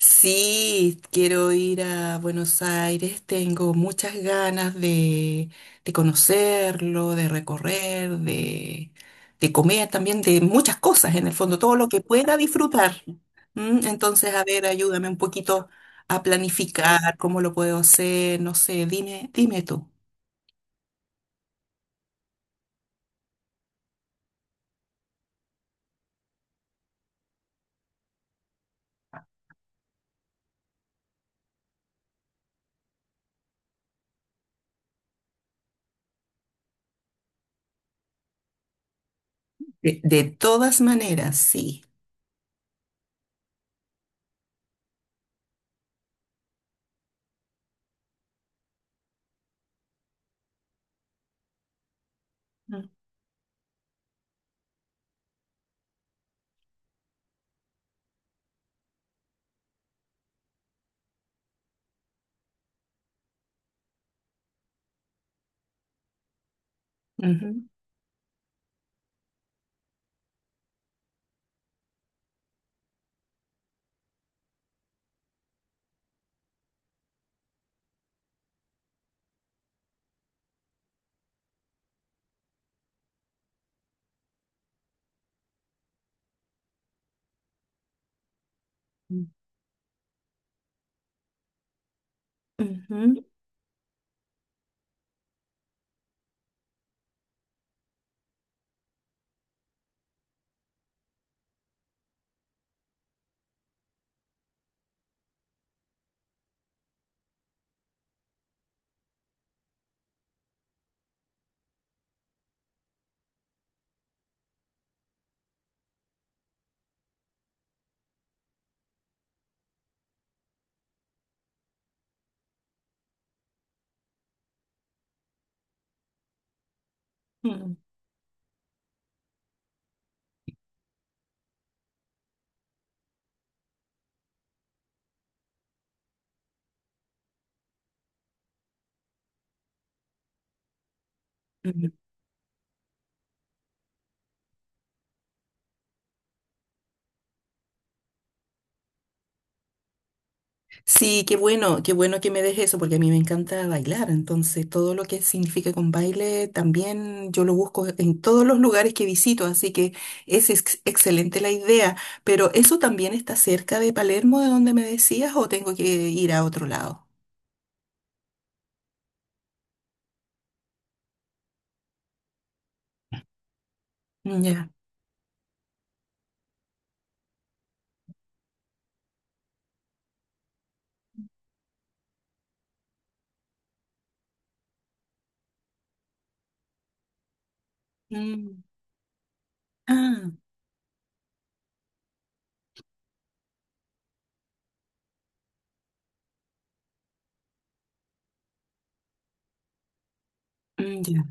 Sí, quiero ir a Buenos Aires, tengo muchas ganas de conocerlo, de recorrer, de comer también, de muchas cosas en el fondo, todo lo que pueda disfrutar. ¿Mm? Entonces, a ver, ayúdame un poquito a planificar cómo lo puedo hacer, no sé, dime tú. De todas maneras, sí. Mm, ujú, mm, ujú, mm, ujú. Sí, qué bueno que me dejes eso, porque a mí me encanta bailar, entonces todo lo que significa con baile también yo lo busco en todos los lugares que visito, así que excelente la idea, pero ¿eso también está cerca de Palermo, de donde me decías, o tengo que ir a otro lado? Mm, ya. Mm, ah, mm, ya,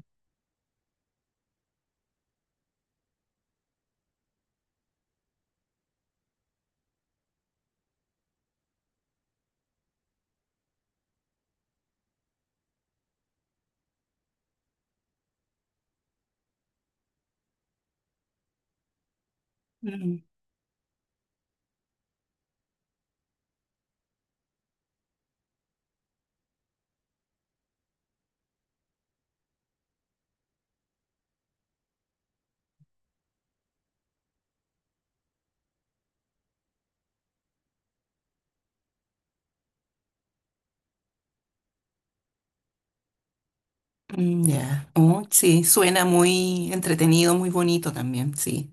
mm, mm, ya. Oh, sí, suena muy entretenido, muy bonito también, sí.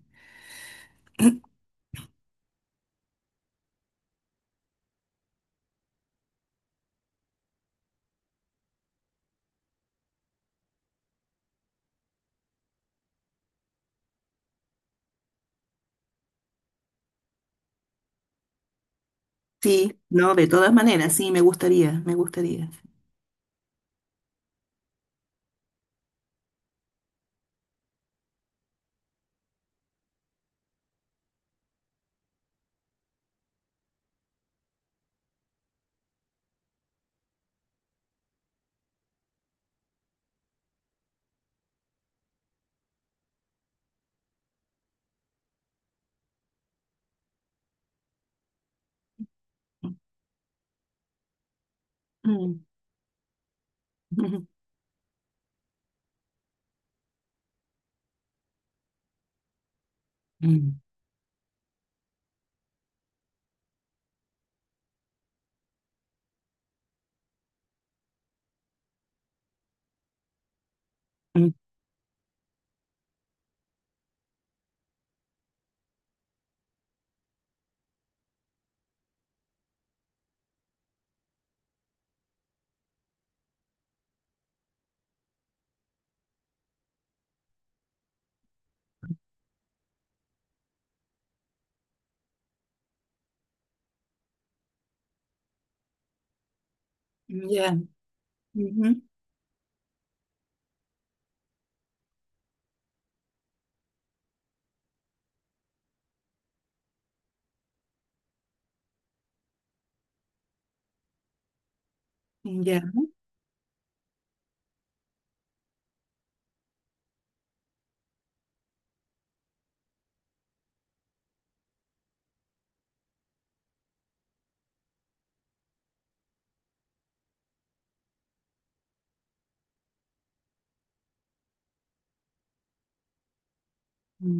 Sí, no, de todas maneras, sí, me gustaría. Mm. Mm, mm, ya, ujú, ya,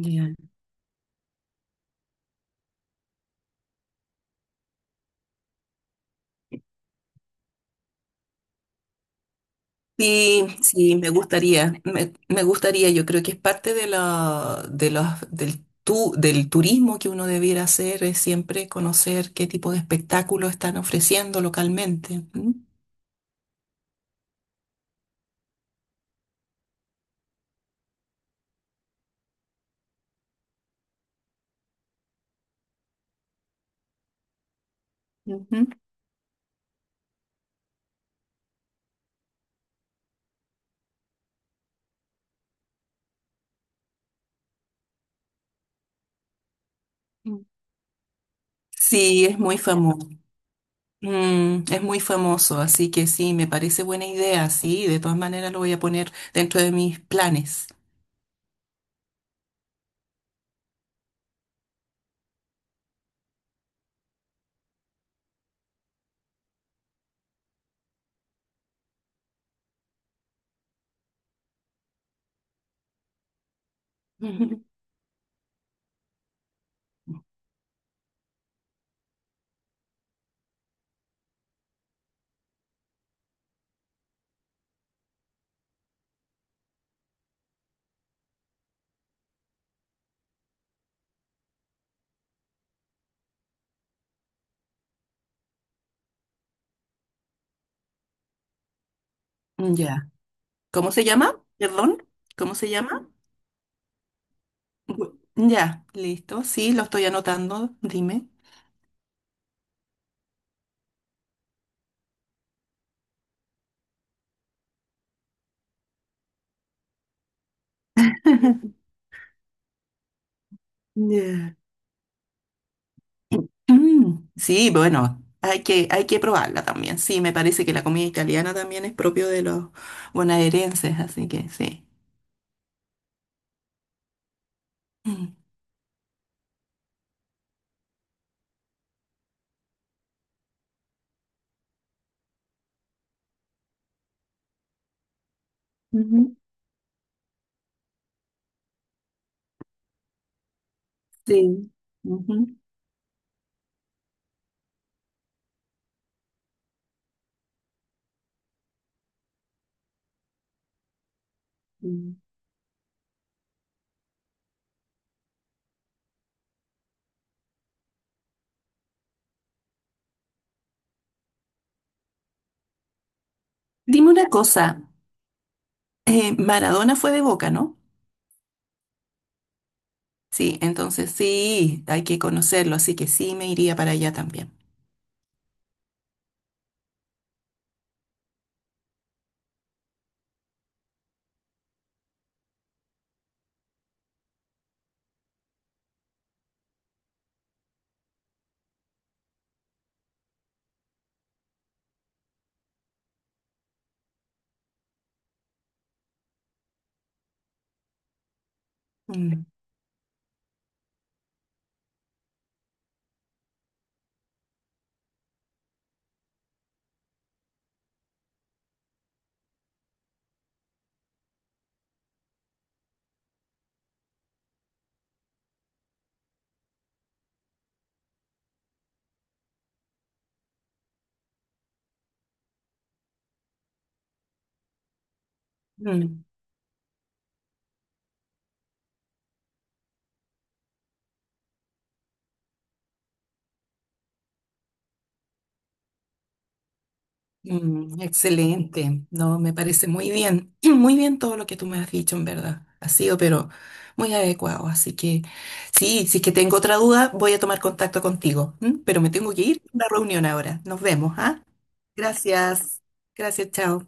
ya. Sí, sí, me gustaría, me gustaría, yo creo que es parte de la, de los, del, tu, del turismo que uno debiera hacer, es siempre conocer qué tipo de espectáculos están ofreciendo localmente. ¿M? Ujú. Mm. Sí, es muy famoso. Mm, es muy famoso, así que sí, me parece buena idea, sí, de todas maneras lo voy a poner dentro de mis planes. Ujú. Ya. ¿Cómo se llama? Perdón, ¿cómo se llama? Ya, listo. Sí, lo estoy anotando. Dime. Ya. Mm, sí, bueno, hay que probarla también. Sí, me parece que la comida italiana también es propio de los bonaerenses, así que sí. Mm. Ujú, sí. Ujú. Mm. Dime una cosa, Maradona fue de Boca, ¿no? Sí, entonces sí, hay que conocerlo, así que sí me iría para allá también. Mm, mm. Mm, excelente, no, me parece muy bien, muy bien todo lo que tú me has dicho, en verdad. Ha sido, pero muy adecuado. Así que sí, si es que tengo otra duda, voy a tomar contacto contigo. ¿M? Pero me tengo que ir a una reunión ahora. Nos vemos, ¿ah? Gracias, gracias, chao.